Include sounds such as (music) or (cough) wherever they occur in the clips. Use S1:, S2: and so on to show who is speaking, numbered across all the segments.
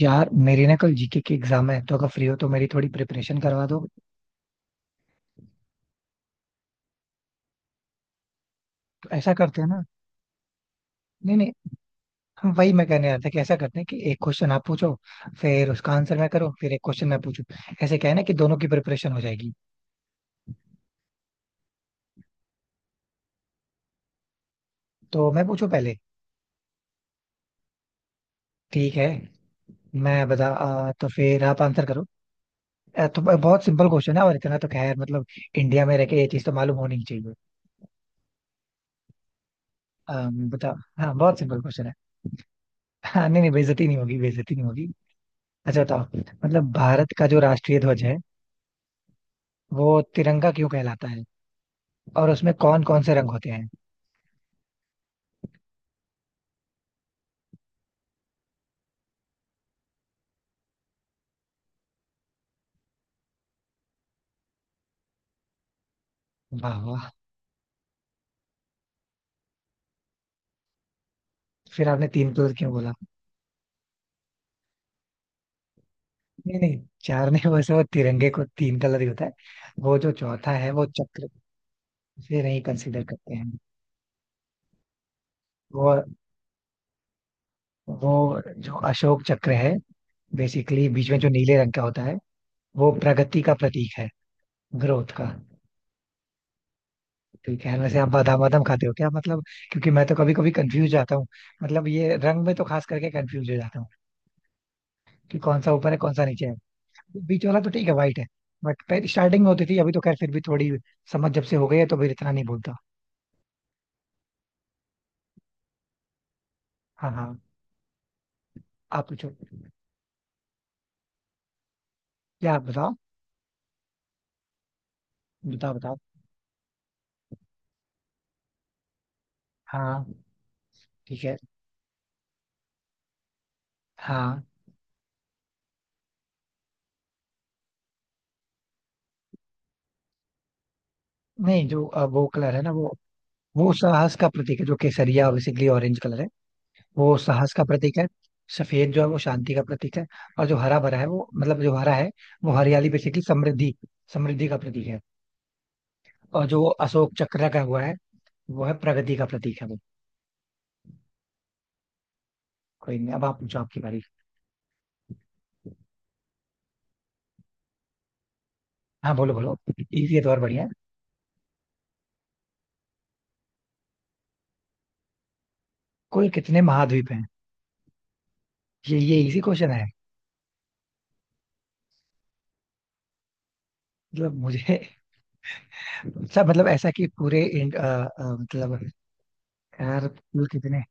S1: यार मेरी ना कल जीके की एग्जाम है तो अगर फ्री हो तो मेरी थोड़ी प्रिपरेशन करवा दो। तो ऐसा करते हैं ना। नहीं नहीं। हम वही मैं कहने आया था कि ऐसा करते हैं कि एक क्वेश्चन आप पूछो, फिर उसका आंसर मैं करूँ, फिर एक क्वेश्चन मैं पूछूं। ऐसे क्या है ना कि दोनों की प्रिपरेशन हो जाएगी। तो मैं पूछूं पहले। ठीक है। मैं बता तो फिर आप आंसर करो। तो बहुत सिंपल क्वेश्चन है, और इतना तो खैर मतलब इंडिया में रह के ये चीज तो मालूम होनी ही चाहिए। बताओ, हाँ, बहुत सिंपल क्वेश्चन है। हाँ, नहीं नहीं, बेइज्जती नहीं होगी, बेइज्जती नहीं होगी। अच्छा बताओ। मतलब भारत का जो राष्ट्रीय ध्वज है, वो तिरंगा क्यों कहलाता है, और उसमें कौन कौन से रंग होते हैं? वाह वाह। फिर आपने तीन कलर क्यों बोला? नहीं नहीं। चार नहीं, वैसे वो तिरंगे को तीन कलर ही होता है। वो जो चौथा है वो चक्र से नहीं कंसीडर करते हैं। वो वो जो अशोक चक्र है, बेसिकली बीच में जो नीले रंग का होता है, वो प्रगति का प्रतीक है, ग्रोथ का। ठीक है। वैसे आप बादाम वादाम खाते हो क्या? मतलब क्योंकि मैं तो कभी कभी कंफ्यूज जाता हूँ। मतलब ये रंग में तो खास करके कंफ्यूज हो जाता हूँ कि कौन सा ऊपर है, कौन सा नीचे है। बीच वाला तो ठीक है, वाइट है। बट पहले स्टार्टिंग में होती थी, अभी तो खैर फिर भी थोड़ी समझ जब से हो गई है तो फिर इतना नहीं बोलता। हाँ हाँ। आप पूछो। क्या आप बताओ? बताओ बताओ। हाँ ठीक है। हाँ, नहीं, जो वो कलर है ना, वो साहस का प्रतीक है, जो केसरिया, बेसिकली ऑरेंज कलर है। वो साहस का प्रतीक है। सफेद जो है वो शांति का प्रतीक है। और जो हरा भरा है, वो मतलब जो हरा है, वो हरियाली, बेसिकली समृद्धि, समृद्धि का प्रतीक है। और जो अशोक चक्र का हुआ है, वो है प्रगति का प्रतीक है वो। कोई नहीं, अब आप पूछो, आपकी बारी। हाँ बोलो बोलो, इजी है तो और बढ़िया है। कुल कितने महाद्वीप हैं? ये इजी क्वेश्चन है। मतलब मुझे (laughs) अच्छा, मतलब ऐसा कि पूरे मतलब, यार कुल कितने?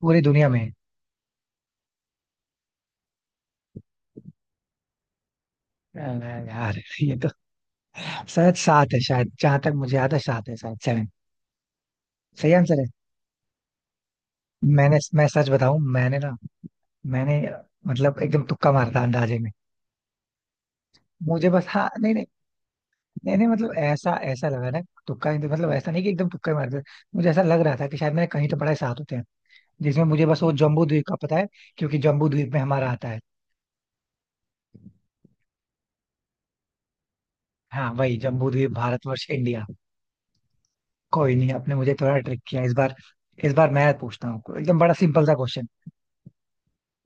S1: पूरी दुनिया में यार, ये तो शायद सात है, शायद जहां तक मुझे याद है सात है, शायद सेवन सही आंसर है। मैंने, मैं सच बताऊं, मैंने ना मैंने मतलब एकदम तुक्का मारा था अंदाजे में। मुझे बस, हाँ, नहीं नहीं, नहीं नहीं, मतलब ऐसा ऐसा लगा ना। मतलब ऐसा नहीं कि एकदम तुक्का ही मार दिया। मुझे ऐसा लग रहा था कि शायद मैंने कहीं तो पढ़ा है सात होते हैं, जिसमें मुझे बस वो जम्बू द्वीप का पता है। क्योंकि जम्बू द्वीप में हमारा आता है। हाँ वही, जम्बू द्वीप भारतवर्ष इंडिया। कोई नहीं, आपने मुझे थोड़ा ट्रिक किया इस बार। इस बार मैं पूछता हूँ एकदम बड़ा सिंपल सा क्वेश्चन।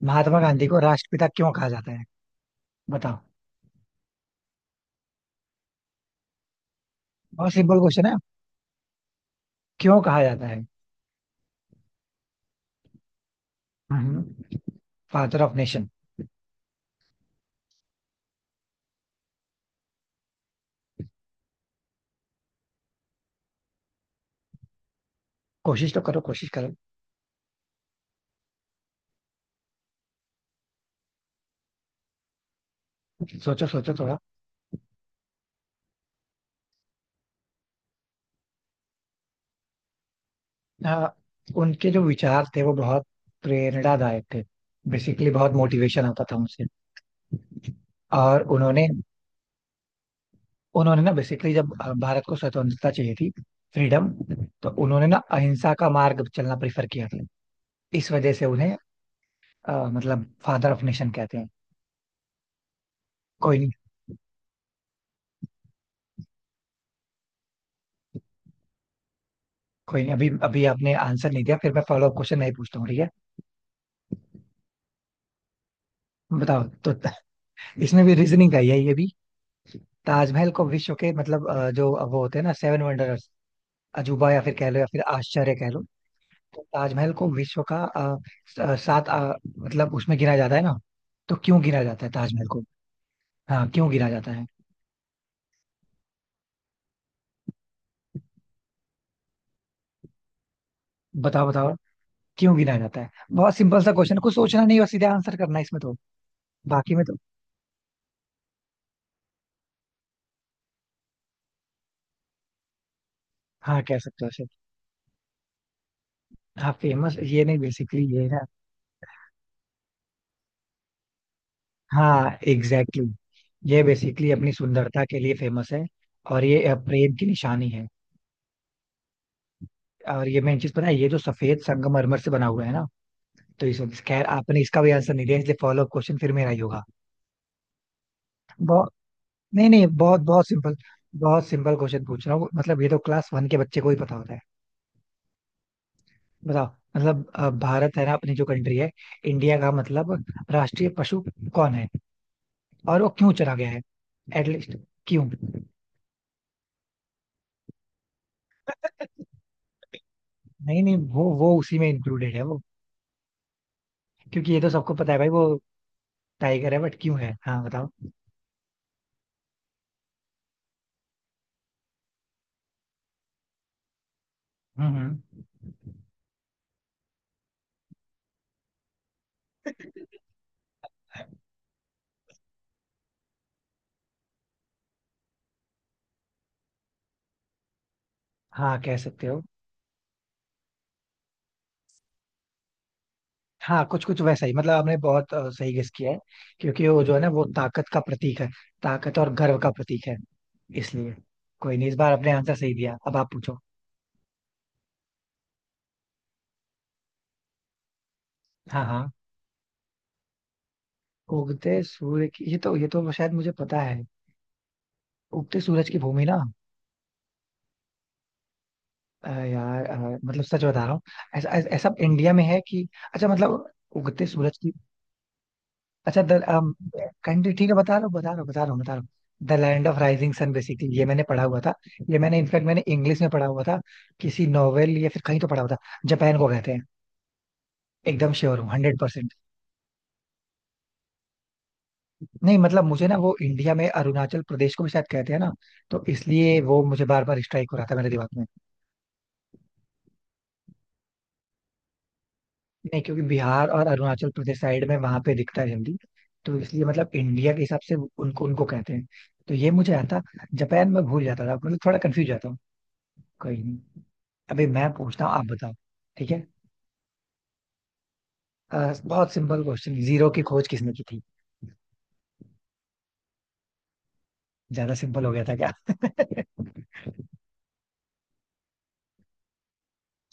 S1: महात्मा गांधी को राष्ट्रपिता क्यों कहा जाता है? बताओ। बहुत सिंपल क्वेश्चन है, क्यों कहा जाता है? हम्म, फादर ऑफ नेशन। कोशिश तो करो, कोशिश करो। सोचो सोचो थोड़ा। हाँ, उनके जो विचार थे वो बहुत प्रेरणादायक थे। बेसिकली बहुत मोटिवेशन आता था उनसे। और उन्होंने उन्होंने ना बेसिकली, जब भारत को स्वतंत्रता चाहिए थी, फ्रीडम, तो उन्होंने ना अहिंसा का मार्ग चलना प्रेफर किया था। इस वजह से उन्हें मतलब फादर ऑफ नेशन कहते हैं। कोई नहीं, कोई नहीं। अभी अभी आपने आंसर नहीं दिया, फिर मैं फॉलो अप क्वेश्चन नहीं पूछता हूँ, ठीक है। बताओ तो (laughs) इसमें भी रीजनिंग का ही है, ये भी। ताजमहल को विश्व के, मतलब जो वो होते हैं ना, सेवन वंडर्स, अजूबा या फिर कह लो, या फिर आश्चर्य कह लो। तो ताजमहल को विश्व का सात मतलब उसमें गिना जाता है ना। तो क्यों गिना जाता है ताजमहल को? हाँ क्यों गिना जाता है? बताओ बताओ। क्यों गिनाया जाता है? बहुत सिंपल सा क्वेश्चन, कुछ सोचना नहीं और सीधे आंसर करना है इसमें तो। बाकी में तो हाँ, कह सकते हो ऐसे। हाँ फेमस ये नहीं, बेसिकली ये है ना। हाँ एग्जैक्टली exactly। ये बेसिकली अपनी सुंदरता के लिए फेमस है। और ये प्रेम की निशानी है। और ये मेन चीज पता है, ये जो सफेद संगमरमर से बना हुआ है ना। तो इस वजह से- खैर आपने इसका भी आंसर नहीं दिया, इसलिए फॉलो क्वेश्चन फिर मेरा ही होगा। बहुत नहीं नहीं, बहुत बहुत सिंपल। बहुत सिंपल क्वेश्चन पूछ रहा हूँ, मतलब ये तो क्लास वन के बच्चे को ही पता होता है। बताओ। मतलब भारत है ना, अपनी जो कंट्री है, इंडिया का मतलब राष्ट्रीय पशु कौन है, और वो क्यों चला गया है एटलीस्ट? क्यों? नहीं नहीं, वो उसी में इंक्लूडेड है वो। क्योंकि ये तो सबको पता है भाई, वो टाइगर है, बट क्यों है? हाँ बताओ। हम्म हम्म। हाँ कह सकते हो। हाँ कुछ कुछ वैसा ही, मतलब आपने बहुत सही गेस किया है। क्योंकि वो जो है ना, वो ताकत का प्रतीक है। ताकत और गर्व का प्रतीक है, इसलिए। कोई नहीं, इस बार आपने आंसर सही दिया, अब आप पूछो। हाँ हाँ। उगते सूर्य की, ये तो शायद मुझे पता है, उगते सूरज की भूमि ना। यार मतलब सच बता रहा हूँ। ऐसा ऐसा ऐसा इंडिया में है कि... अच्छा मतलब उगते सूरज की... अच्छा द कंट्री, ठीक है, बता रहा हूँ, बता रहा हूँ, बता रहा हूँ, बता रहा हूँ। The land of rising sun, basically ये मैंने पढ़ा हुआ था। ये मैंने इनफैक्ट मैंने इंग्लिश में पढ़ा हुआ था। किसी नॉवेल या फिर कहीं तो पढ़ा हुआ था। जापान को कहते हैं। एकदम श्योर हूँ, 100%। नहीं मतलब मुझे ना, वो इंडिया में अरुणाचल प्रदेश को भी शायद कहते हैं ना। तो इसलिए वो मुझे बार बार स्ट्राइक हो रहा था मेरे दिमाग में। नहीं क्योंकि बिहार और अरुणाचल प्रदेश साइड में वहां पे दिखता है जल्दी। तो इसलिए, मतलब इंडिया के हिसाब से उनको उनको कहते हैं। तो ये मुझे आता। जापान में भूल जाता था, मतलब थोड़ा कंफ्यूज जाता हूँ। कहीं नहीं। अभी मैं पूछता हूँ, आप बताओ। ठीक है। बहुत सिंपल क्वेश्चन, जीरो की खोज किसने की थी? ज्यादा सिंपल हो गया था क्या?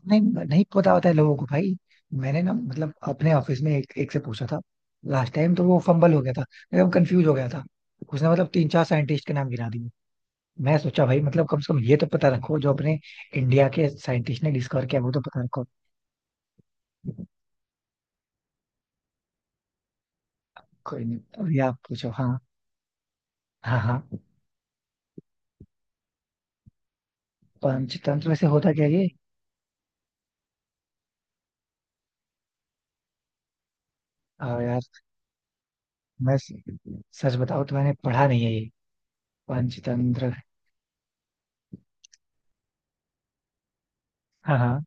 S1: नहीं, नहीं पता होता है लोगों को भाई। मैंने ना, मतलब अपने ऑफिस में एक से पूछा था। लास्ट टाइम तो वो फंबल हो गया था। एकदम कंफ्यूज हो गया था। उसने मतलब तीन चार साइंटिस्ट के नाम गिना दिए। मैं सोचा भाई, मतलब कम से कम ये तो पता रखो, जो अपने इंडिया के साइंटिस्ट ने डिस्कवर किया वो तो पता रखो। कोई नहीं, अभी आप पूछो। हाँ हाँ हाँ। पंचतंत्र वैसे होता क्या है ये? यार मैं सच बताऊं तो मैंने पढ़ा नहीं है ये, पंचतंत्र। हाँ हाँ।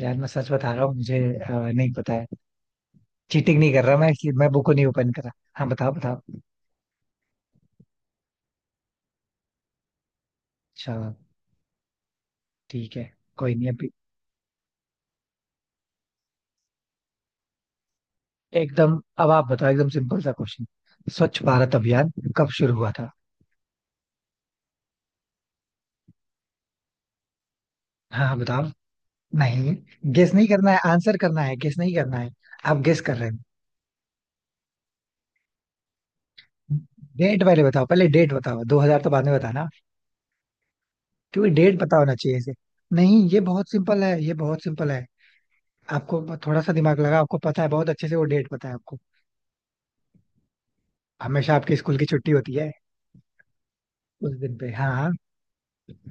S1: यार मैं सच बता रहा हूँ, मुझे नहीं पता है। चीटिंग नहीं कर रहा मैं, इसलिए मैं बुक को नहीं ओपन कर रहा। हाँ बताओ बताओ। अच्छा। ठीक है। कोई नहीं अभी। एकदम अब आप बताओ, एकदम सिंपल सा क्वेश्चन। स्वच्छ भारत अभियान कब शुरू हुआ था? हाँ हाँ, बताओ। नहीं, गेस नहीं करना है, आंसर करना है, गेस नहीं करना है। आप गेस कर रहे हो। डेट पहले बताओ, पहले डेट बताओ, 2000 तो बाद में बताना। क्योंकि डेट पता होना चाहिए इसे। नहीं ये बहुत सिंपल है, ये बहुत सिंपल है आपको। थोड़ा सा दिमाग लगा, आपको पता है बहुत अच्छे से, वो डेट पता है आपको। हमेशा आपके स्कूल की छुट्टी होती है उस दिन पे, हाँ।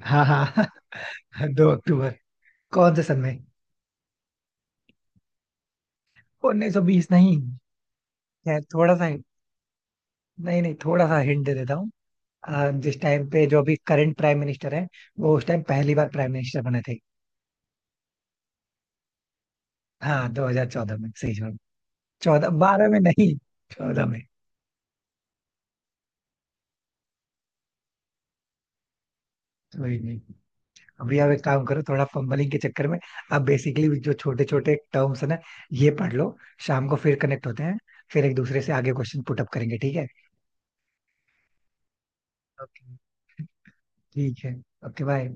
S1: हाँ हाँ हाँ (laughs) 2 अक्टूबर। कौन से सन में? 1920 नहीं, खैर थोड़ा सा... नहीं नहीं, थोड़ा सा हिंट दे देता हूँ। जिस टाइम पे जो अभी करंट प्राइम मिनिस्टर है, वो उस टाइम पहली बार प्राइम मिनिस्टर बने थे। हाँ, 2014 में सही जवाब। चौदह, बारह में नहीं, चौदह में। वही नहीं, अभी आप एक काम करो, थोड़ा फंबलिंग के चक्कर में आप बेसिकली जो छोटे छोटे टर्म्स है ना ये पढ़ लो। शाम को फिर कनेक्ट होते हैं, फिर एक दूसरे से आगे क्वेश्चन पुट अप करेंगे, ठीक है। ओके। ठीक है। Okay bye.